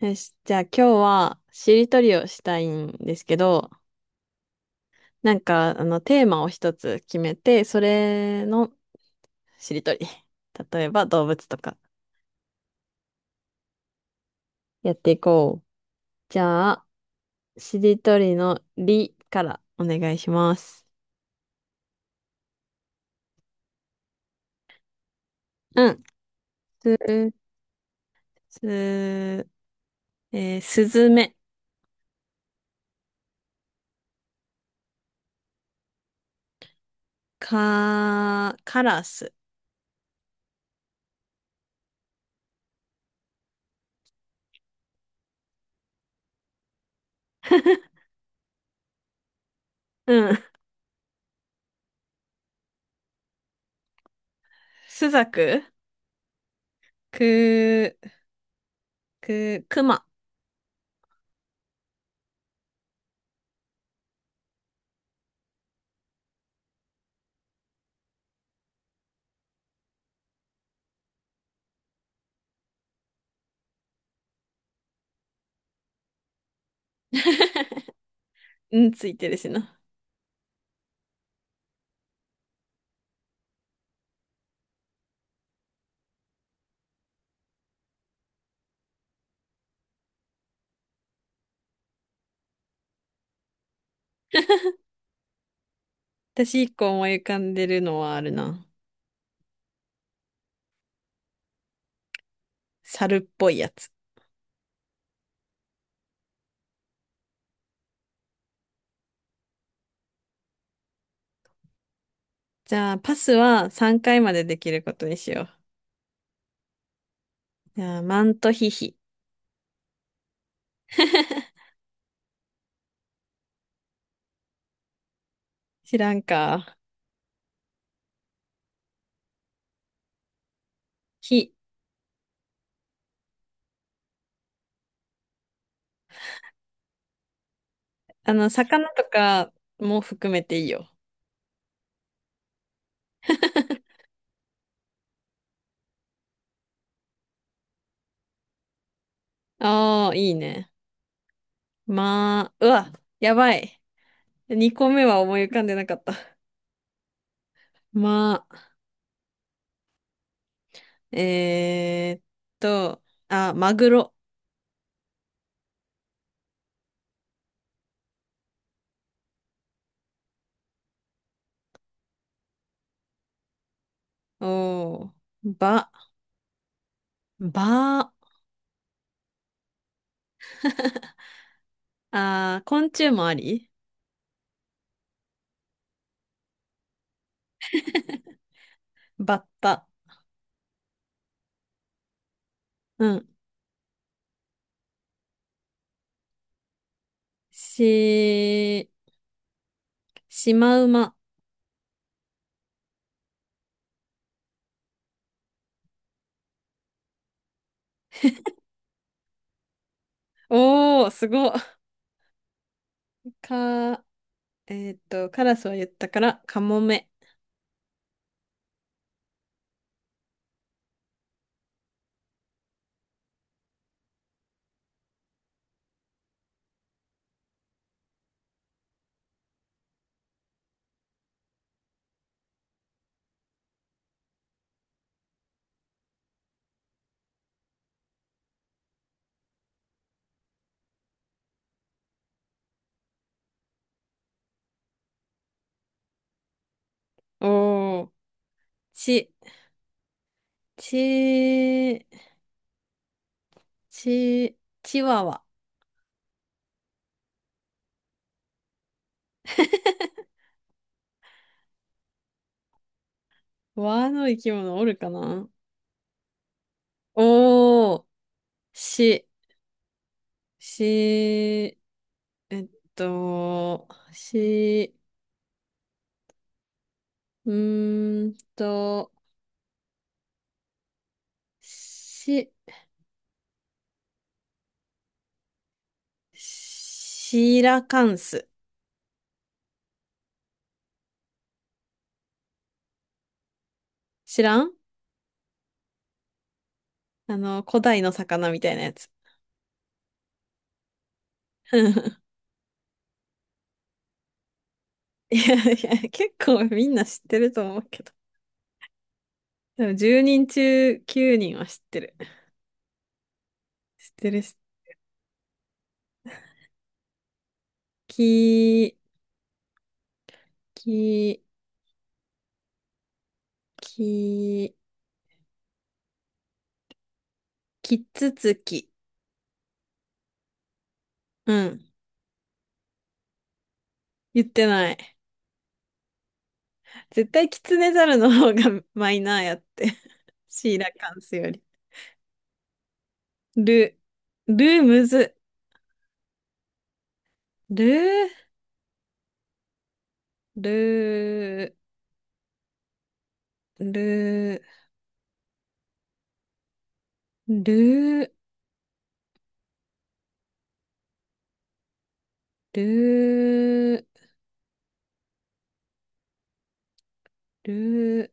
よし、じゃあ今日はしりとりをしたいんですけど、なんかテーマを一つ決めて、それのしりとり。例えば動物とかやっていこう。じゃあ、しりとりのりからお願いします。うん。す、す、すずめ、か、カラス。うん。すざく、く、く、くま。うん、ついてるしな。私一個思い浮かんでるのはあるな。猿っぽいやつ。じゃあ、パスは3回までできることにしよう。じゃあ、マントヒヒ。知らんか。ヒ。魚とかも含めていいよ。ああ、いいね。まあ、うわ、やばい。2個目は思い浮かんでなかった。まあ、えーっと、あ、マグロ。おー、ば、ば、あー、昆虫もあり、バッタ。うん。し、シマウマ。おー、すごっ。か、カラスは言ったから、カモメ。おー、ち、ち、ち、チワワ。ワの生き物おるかな。おー、し、し、っと、し、うーんと、し、シーラカンス。知らん。古代の魚みたいなやつ。いやいや、結構みんな知ってると思うけど。でも10人中9人は知ってる。知ってるし。き、き、き、きつつき。うん。言ってない。絶対キツネザルの方がマイナーやって。シーラカンスより。ル、ルむず。ル、ル、ル、ル、ル、ル、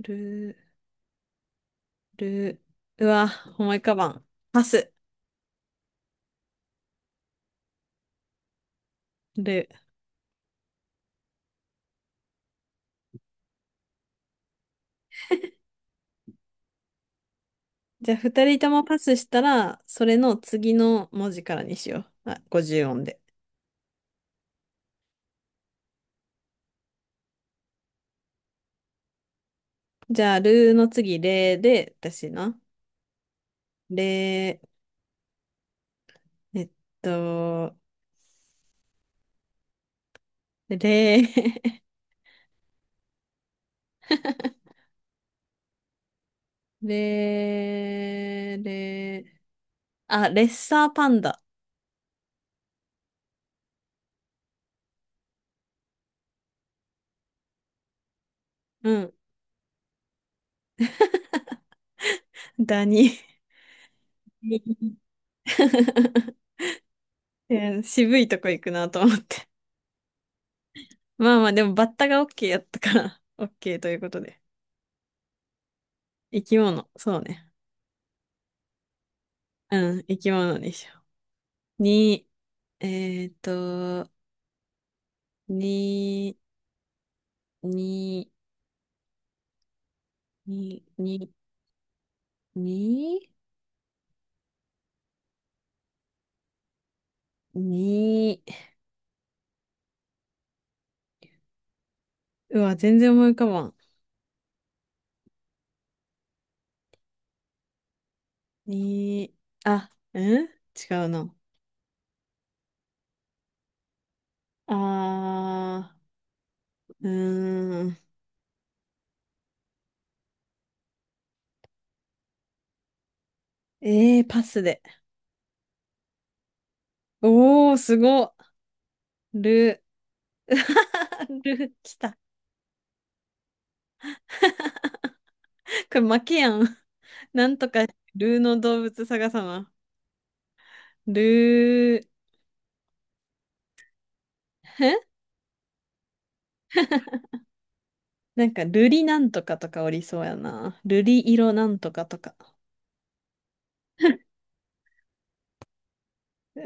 ル、ルー、うわ、思い浮かばん。パス。ルー。じゃあ、二人ともパスしたら、それの次の文字からにしよう。あ、50音で。じゃあ、ルーの次、レーで、私な。レー、と、レー、レー、レー、あ、レッサーパンダ。うん。ダニ。いや渋いとこ行くなと思って。まあまあ、でもバッタが OK やったから、OK ということで。生き物、そうね。うん、生き物でしょ。に、えっと、に、に、に、に、に、に、うわ、全然思い浮かばん。に、あ、うん違うな。あー、うーん。パスで。おー、すごる。る、ル来た。これ負けやん。なんとか、ルーの動物探さな。ルー、へ、なんか、瑠璃なんとかとかおりそうやな。瑠璃色なんとかとか。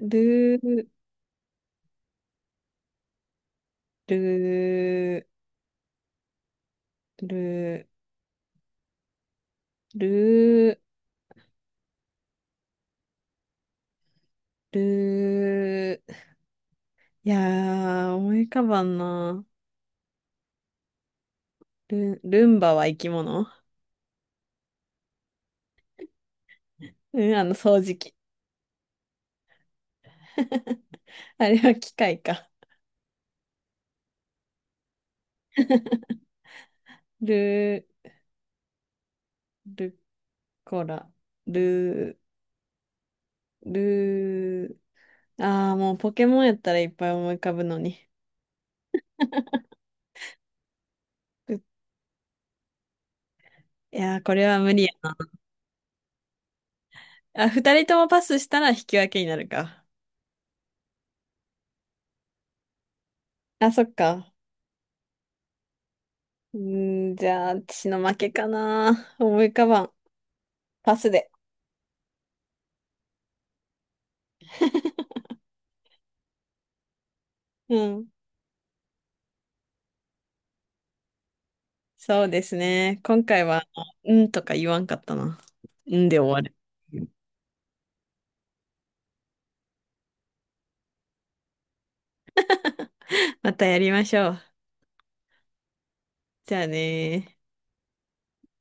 ルー、ルー、ルー、ルー、ルー。いやー、思い浮かばんな。ルン、ルンバは生き物、うん、あの掃除機。あれは機械か。ルー、ルコラ、ルー、ルー。あー、もうポケモンやったらいっぱい思い浮かぶのに。う、いやー、これは無理やな。あ、二人ともパスしたら引き分けになるか。あ、そっか。うーん、じゃあ、私の負けかな。思い浮かばん。パスで。うん。そうですね。今回は、うんとか言わんかったな。うんで終わる。またやりましょう。じゃあねー。